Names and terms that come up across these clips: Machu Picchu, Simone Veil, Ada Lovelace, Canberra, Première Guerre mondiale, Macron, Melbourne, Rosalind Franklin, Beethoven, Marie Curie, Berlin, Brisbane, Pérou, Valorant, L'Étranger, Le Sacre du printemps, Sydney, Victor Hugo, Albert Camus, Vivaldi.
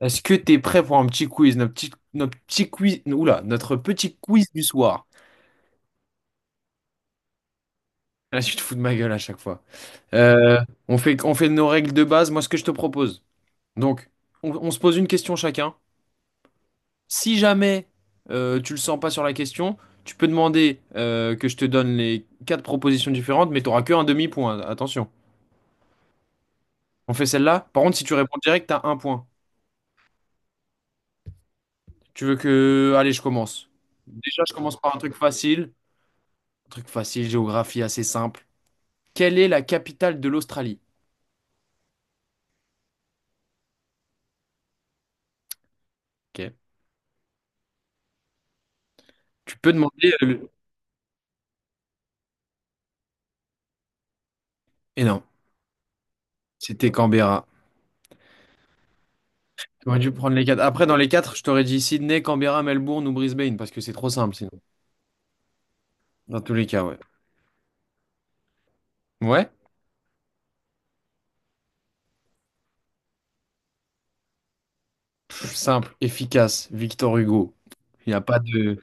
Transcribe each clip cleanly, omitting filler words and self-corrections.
Est-ce que t'es prêt pour un petit quiz, notre petit quiz, notre petit quiz du soir? Là, tu te fous de ma gueule à chaque fois. Euh, on fait nos règles de base. Moi, ce que je te propose. Donc, on se pose une question chacun. Si jamais tu le sens pas sur la question, tu peux demander que je te donne les quatre propositions différentes, mais t'auras que un demi-point. Attention. On fait celle-là. Par contre, si tu réponds direct, t'as un point. Tu veux que, allez, je commence. Déjà, je commence par un truc facile. Un truc facile, géographie assez simple. Quelle est la capitale de l'Australie? Ok. Tu peux demander. Et non, c'était Canberra. J'aurais dû prendre les quatre. Après, dans les quatre, je t'aurais dit Sydney, Canberra, Melbourne ou Brisbane, parce que c'est trop simple sinon. Dans tous les cas, ouais. Ouais? Simple, efficace, Victor Hugo. Il n'y a pas de.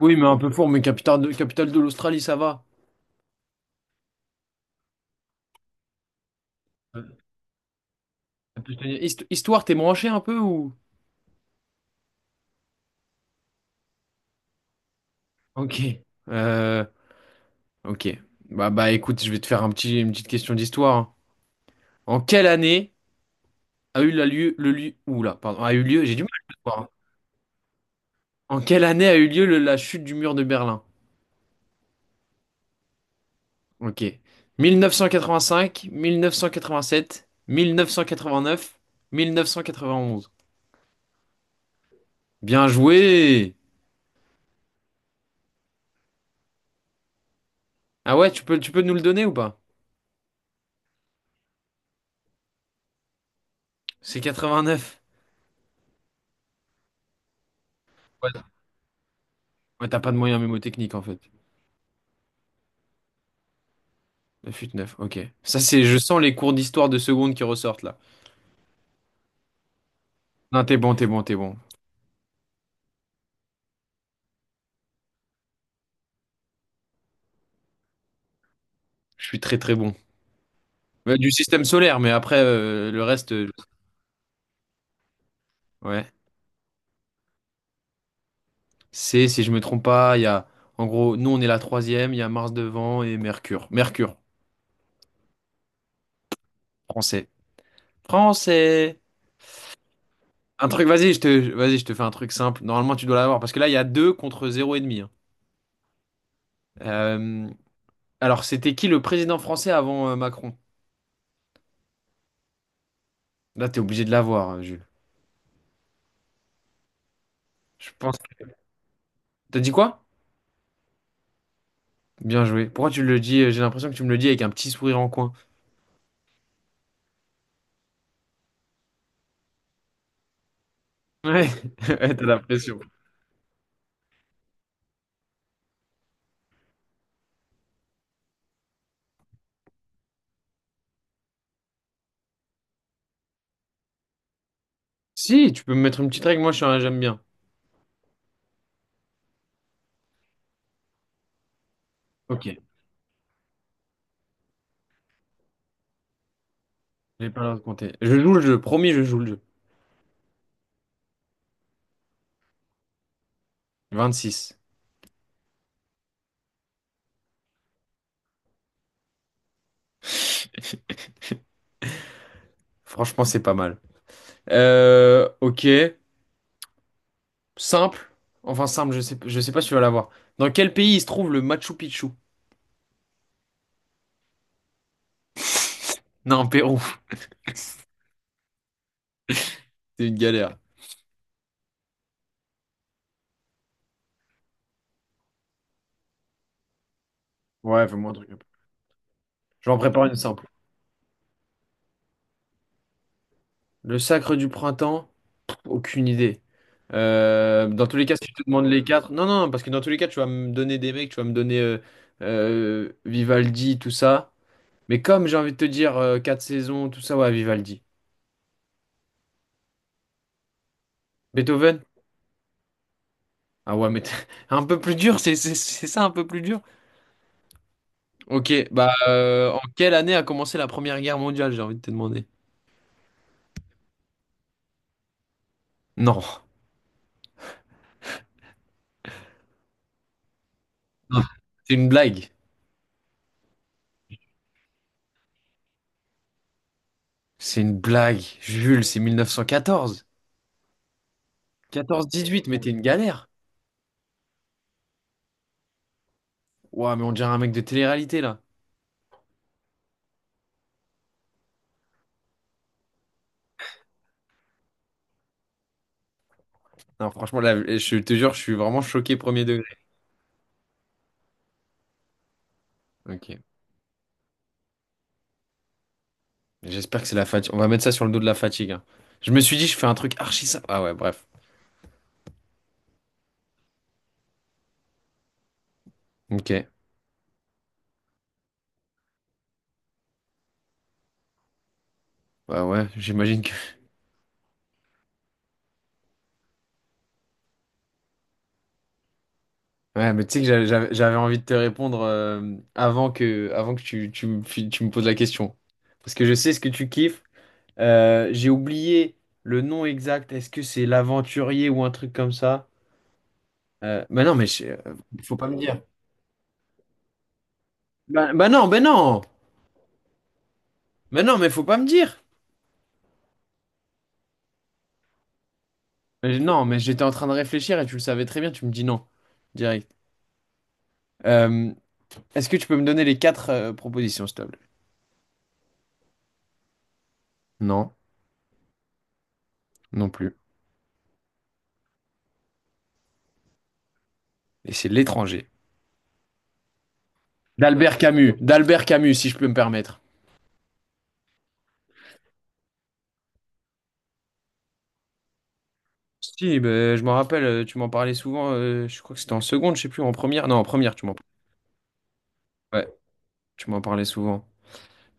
Oui, mais un peu fort, mais capitale de l'Australie, ça va. Euh, ça peut se tenir. Histoire, t'es branché un peu ou. Ok. Euh, ok. Bah, écoute, je vais te faire un petit, une petite question d'histoire, hein. En quelle année a eu lieu, j'ai du mal à le voir, hein. En quelle année a eu lieu la chute du mur de Berlin? Ok. 1985, 1987, 1989, 1991. Bien joué! Ah ouais, tu peux nous le donner ou pas? C'est 89. Ouais, ouais, t'as pas de moyens mémotechniques en fait. La chute 9, ok. Ça, c'est, je sens les cours d'histoire de seconde qui ressortent là. Non, t'es bon, t'es bon, t'es bon. Je suis très très bon. Ouais, du système solaire, mais après, le reste, ouais. C'est, si je me trompe pas, en gros, nous on est la troisième, il y a Mars devant et Mercure. Mercure, français. Français! Un truc, vas-y, je te fais un truc simple. Normalement, tu dois l'avoir parce que là, il y a deux contre zéro et demi, hein. Euh, alors, c'était qui le président français avant Macron? Là, t'es obligé de l'avoir, hein, Jules. Je pense. que- T'as dit quoi? Bien joué. Pourquoi tu le dis? J'ai l'impression que tu me le dis avec un petit sourire en coin. Ouais, ouais, t'as la pression. Si, tu peux me mettre une petite règle, moi je suis un- j'aime bien. Ok, j'ai pas l'air de compter. Je joue le jeu, promis, je joue le jeu. 26. Franchement, c'est pas mal. Ok. Simple. Enfin, simple, je sais pas si tu vas l'avoir. Dans quel pays il se trouve le Machu Picchu? Non, Pérou. C'est une galère. Ouais, fais-moi un truc. Je vais en préparer une simple. Le sacre du printemps? Aucune idée. Dans tous les cas, si tu te demandes les quatre. Non, non, non, parce que dans tous les cas, tu vas me donner des mecs, tu vas me donner Vivaldi, tout ça. Mais comme j'ai envie de te dire quatre saisons, tout ça, ouais, Vivaldi. Beethoven? Ah ouais, un peu plus dur, c'est ça, un peu plus dur. Ok, bah en quelle année a commencé la Première Guerre mondiale, j'ai envie de te demander. Non, c'est une blague. C'est une blague. Jules, c'est 1914. 14-18, mais t'es une galère. Ouah, mais on dirait un mec de télé-réalité là. Non, franchement, là, je te jure, je suis vraiment choqué premier degré. Ok, j'espère que c'est la fatigue. On va mettre ça sur le dos de la fatigue, hein. Je me suis dit, je fais un truc archi ça. Ah ouais, bref. Ok. Bah ouais, j'imagine que. Ouais, mais tu sais que j'avais envie de te répondre avant que tu me poses la question. Parce que je sais ce que tu kiffes. J'ai oublié le nom exact. Est-ce que c'est l'aventurier ou un truc comme ça? Bah non, faut pas me dire. Bah, bah non, bah non! Bah non, mais faut pas me dire! Mais non, mais j'étais en train de réfléchir et tu le savais très bien, tu me dis non. Direct. Euh, est-ce que tu peux me donner les quatre propositions, s'il te plaît? Non, non plus. Et c'est l'étranger. d'Albert Camus, si je peux me permettre. Si, ben, je m'en rappelle, tu m'en parlais souvent, je crois que c'était en seconde, je sais plus, en première. Non, en première, tu m'en ouais, tu m'en parlais souvent.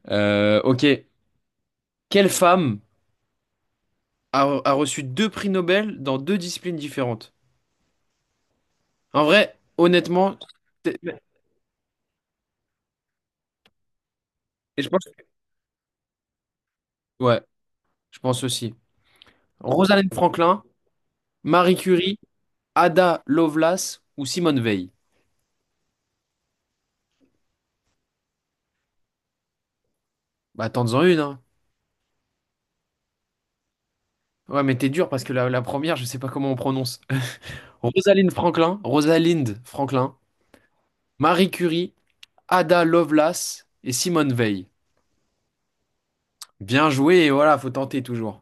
Ok. Quelle femme a reçu deux prix Nobel dans deux disciplines différentes? En vrai, honnêtement, c'est- et je pense ouais, je pense aussi. Rosalind Franklin, Marie Curie, Ada Lovelace ou Simone Veil. Bah, tente-en une, hein. Ouais, mais t'es dur parce que la première, je sais pas comment on prononce. Rosalind Franklin, Rosalind Franklin, Marie Curie, Ada Lovelace et Simone Veil. Bien joué, et voilà, faut tenter toujours.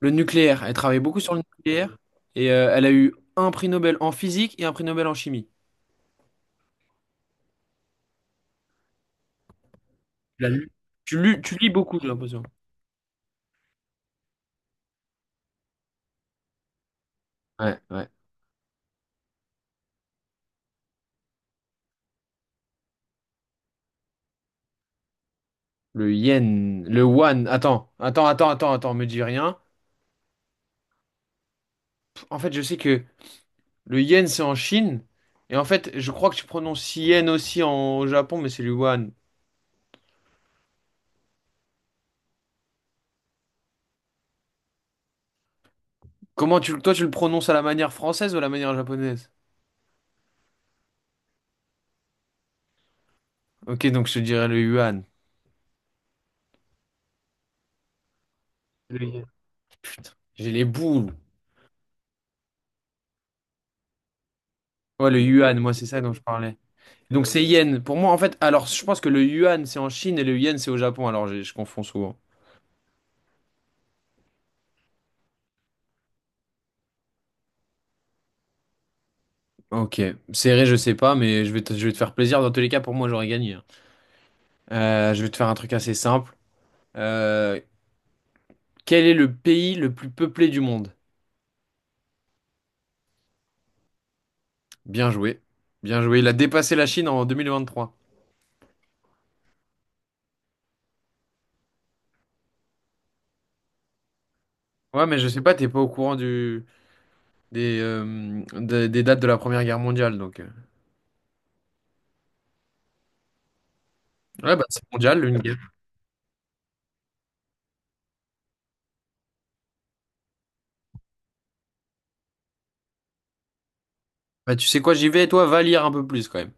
Le nucléaire, elle travaille beaucoup sur le nucléaire et elle a eu un prix Nobel en physique et un prix Nobel en chimie. Tu l'as lu- tu lus, tu lis beaucoup, j'ai l'impression. Ouais, ouais. Le yen, le yuan. Attends, attends, attends, attends, attends, me dis rien. En fait, je sais que le yen, c'est en Chine. Et en fait, je crois que tu prononces yen aussi au Japon, mais c'est le yuan. Comment tu, toi, tu le prononces à la manière française ou à la manière japonaise? Ok, donc je te dirais le yuan. Putain, j'ai les boules. Ouais, le yuan, moi, c'est ça dont je parlais. Donc, c'est yen. Pour moi, en fait, alors, je pense que le yuan, c'est en Chine et le yen, c'est au Japon. Je confonds souvent. Ok. Serré, je sais pas, mais je vais te faire plaisir. Dans tous les cas, pour moi, j'aurais gagné, hein. Je vais te faire un truc assez simple. Euh, quel est le pays le plus peuplé du monde? Bien joué. Bien joué. Il a dépassé la Chine en 2023. Ouais, mais je sais pas, t'es pas au courant des dates de la Première Guerre mondiale, donc. Ouais, bah, c'est mondial, l'une guerre. Bah, tu sais quoi, j'y vais, toi, va lire un peu plus quand même.